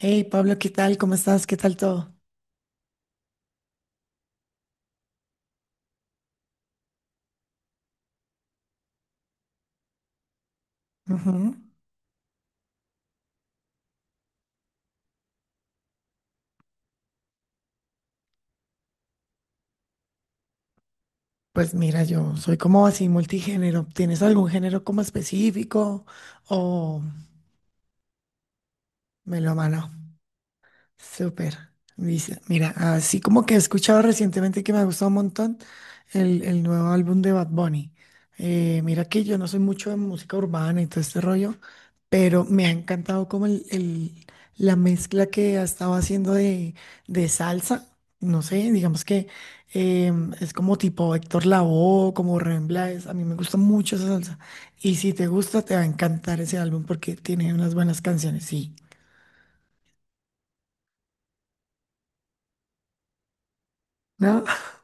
Hey Pablo, ¿qué tal? ¿Cómo estás? ¿Qué tal todo? Ujú. Pues mira, yo soy como así multigénero. ¿Tienes algún género como específico o melómano? Súper. Dice, mira, así como que he escuchado recientemente que me ha gustado un montón el nuevo álbum de Bad Bunny. Mira que yo no soy mucho de música urbana y todo este rollo, pero me ha encantado como la mezcla que ha estado haciendo de salsa. No sé, digamos que es como tipo Héctor Lavoe, como Rubén Blades. A mí me gusta mucho esa salsa. Y si te gusta, te va a encantar ese álbum porque tiene unas buenas canciones, sí. ¿No?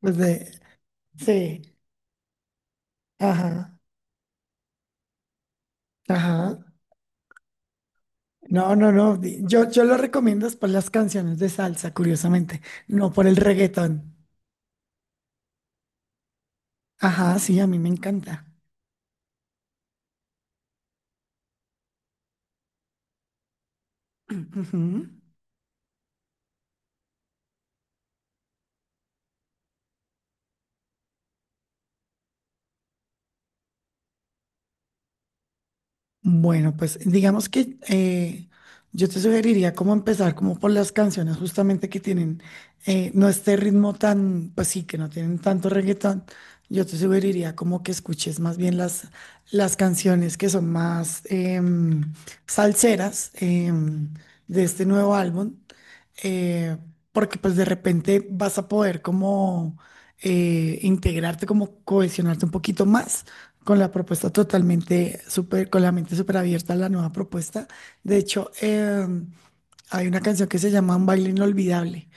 Pues de, sí, ajá, ajá. No, no, no. Yo lo recomiendo es por las canciones de salsa, curiosamente, no por el reggaetón. Ajá, sí, a mí me encanta. Ujú. Bueno, pues digamos que yo te sugeriría cómo empezar como por las canciones justamente que tienen, no este ritmo tan, pues sí, que no tienen tanto reggaetón. Yo te sugeriría como que escuches más bien las canciones que son más em, salseras de este nuevo álbum, eh, porque pues de repente vas a poder como integrarte, como cohesionarte un poquito más con la propuesta totalmente súper, con la mente súper abierta a la nueva propuesta. De hecho, hay una canción que se llama Un baile inolvidable,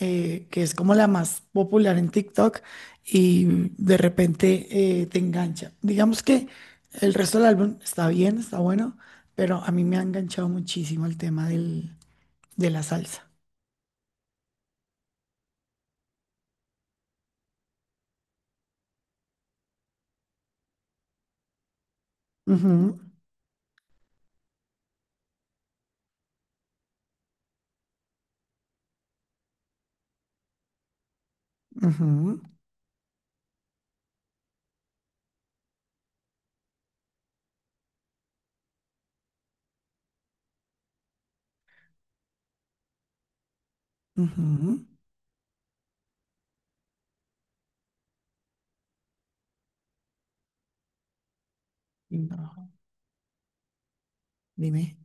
que es como la más popular en TikTok y de repente te engancha. Digamos que el resto del álbum está bien, está bueno, pero a mí me ha enganchado muchísimo el tema de la salsa. Ujú, ujú, ujú. No, dime.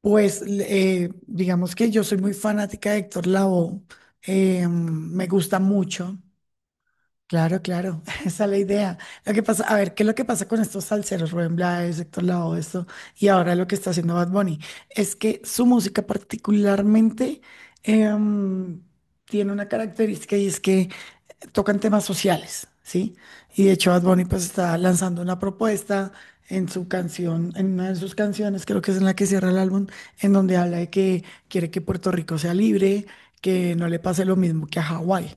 Pues digamos que yo soy muy fanática de Héctor Lavoe, me gusta mucho, claro, claro, esa es la idea. Lo que pasa, a ver, ¿qué es lo que pasa con estos salseros, Rubén Blades, Héctor Lavoe, esto, y ahora lo que está haciendo Bad Bunny? Es que su música particularmente em, tiene una característica y es que tocan temas sociales, ¿sí? Y de hecho Bad Bunny pues está lanzando una propuesta en su canción, en una de sus canciones, creo que es en la que cierra el álbum, en donde habla de que quiere que Puerto Rico sea libre, que no le pase lo mismo que a Hawái.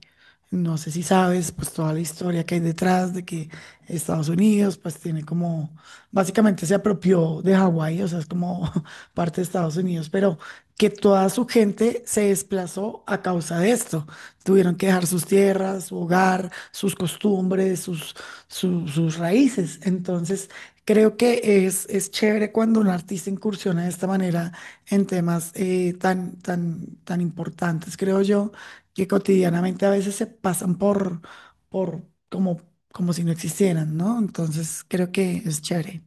No sé si sabes, pues toda la historia que hay detrás de que Estados Unidos, pues tiene como, básicamente se apropió de Hawái, o sea, es como parte de Estados Unidos, pero que toda su gente se desplazó a causa de esto. Tuvieron que dejar sus tierras, su hogar, sus costumbres, sus, sus raíces. Entonces, creo que es chévere cuando un artista incursiona de esta manera en temas tan importantes, creo yo, que cotidianamente a veces se pasan por como, como si no existieran, ¿no? Entonces, creo que es chévere.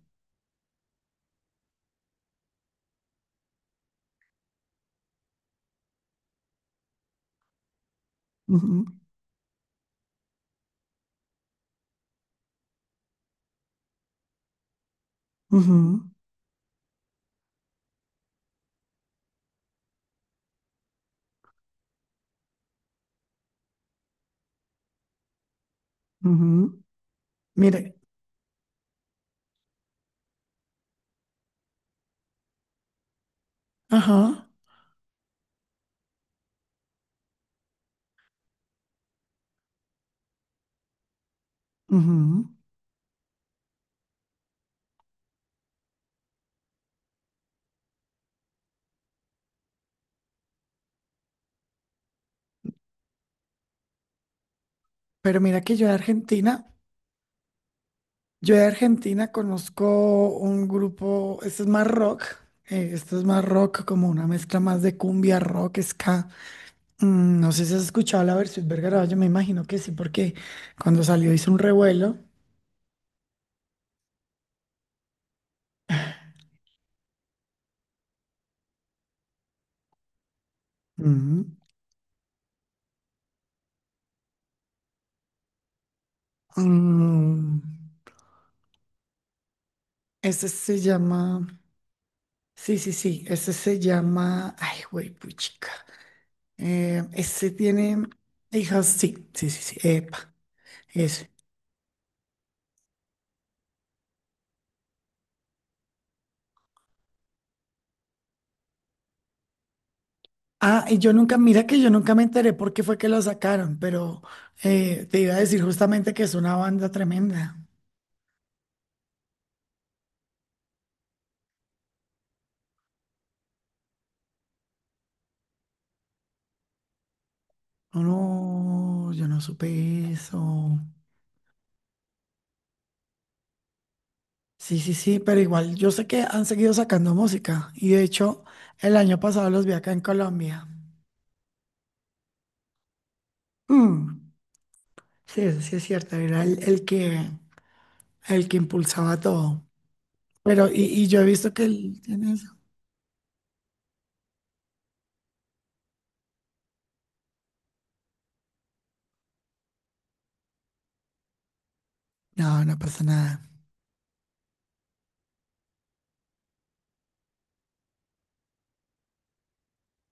Ujú, ujú, ujú. Mire, ajá, ujú. Pero mira que yo de Argentina. Yo de Argentina conozco un grupo, este es más rock, como una mezcla más de cumbia, rock, ska. Mm, no sé si has escuchado la versión Vergara, yo me imagino que sí, porque cuando salió hizo un revuelo. Ujú. Mm, este se llama, sí, sí, sí, este se llama, ay, güey, puchica. Este tiene hijas, sí, sí, sí, sí, epa, ese. Ah, y yo nunca, mira que yo nunca me enteré por qué fue que lo sacaron, pero te iba a decir justamente que es una banda tremenda. Oh, no, yo no supe eso. Sí, sí, sí, pero igual yo sé que han seguido sacando música y de hecho el año pasado los vi acá en Colombia. Mm, sí, eso sí es cierto, era el que impulsaba todo. Pero, y yo he visto que él tiene eso. No, no pasa nada.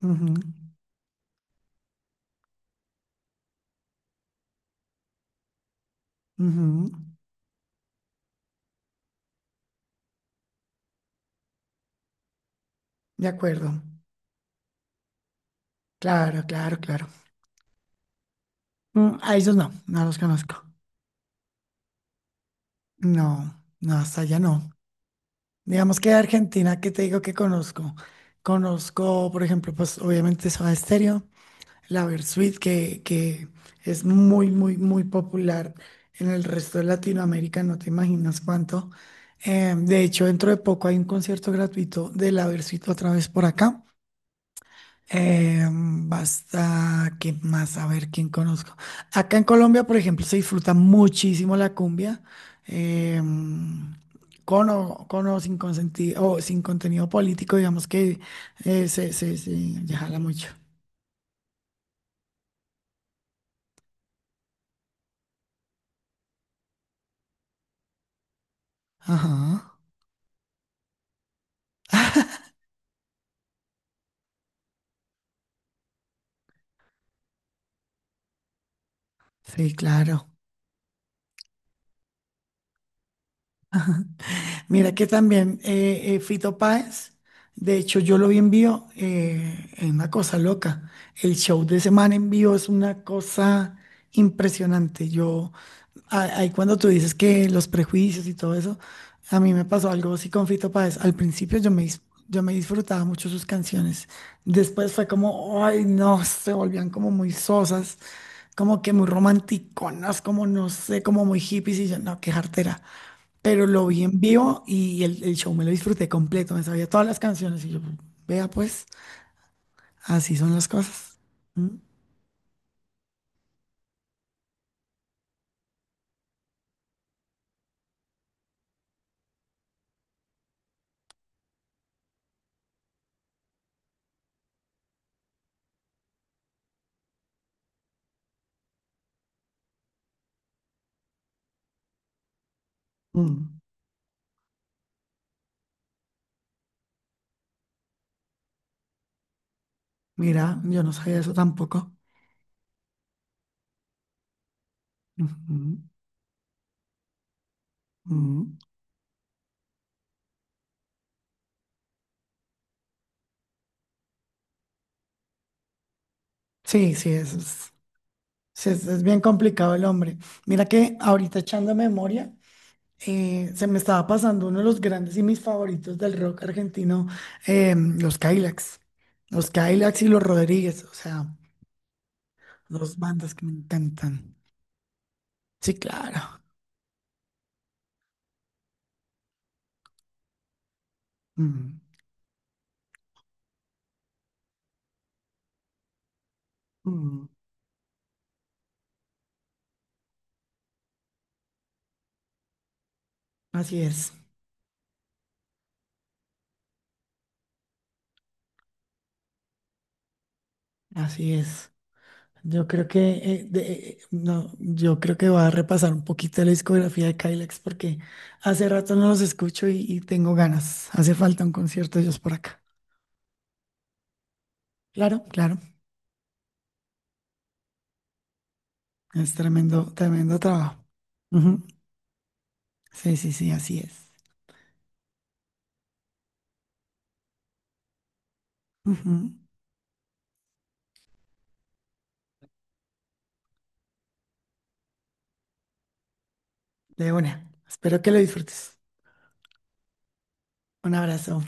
Ujú, ujú, de acuerdo. Claro, claro, claro. Mm, a ellos no, no los conozco. No, no, hasta allá no. Digamos que de Argentina, ¿qué te digo que conozco? Conozco, por ejemplo, pues obviamente Soda Stereo, la Versuit, que es muy popular en el resto de Latinoamérica, no te imaginas cuánto. De hecho, dentro de poco hay un concierto gratuito de la Versuit otra vez por acá. Basta, ¿qué más? A ver, ¿quién conozco? Acá en Colombia, por ejemplo, se disfruta muchísimo la cumbia, eh, con o sin consentido, o sin contenido político, digamos que se jala mucho. Ajá, sí, claro. Mira que también Fito Páez, de hecho yo lo vi en vivo, es una cosa loca. El show de semana en vivo es una cosa impresionante. Yo, ahí cuando tú dices que los prejuicios y todo eso, a mí me pasó algo así con Fito Páez. Al principio yo me disfrutaba mucho sus canciones. Después fue como, ay no, se volvían como muy sosas, como que muy romanticonas, como no sé, como muy hippies y yo, no, qué jartera. Pero lo vi en vivo y el show me lo disfruté completo, me sabía todas las canciones y yo, vea pues, así son las cosas. Mm, mm. Mira, yo no sabía eso tampoco. Ujú, ujú. Sí, sí, eso es, sí, es bien complicado el hombre. Mira que ahorita echando memoria, se me estaba pasando uno de los grandes y mis favoritos del rock argentino, los Cadillacs. Los Cadillacs y los Rodríguez, o sea, dos bandas que me encantan. Sí, claro. Mm. Mm, así es, así es. Yo creo que no, yo creo que voy a repasar un poquito la discografía de Kylex porque hace rato no los escucho y tengo ganas. Hace falta un concierto de ellos por acá. Claro, claro. Es tremendo, tremendo trabajo. Ujú. Sí, sí, sí, así es. Ujú. De una. Espero que lo disfrutes. Un abrazo.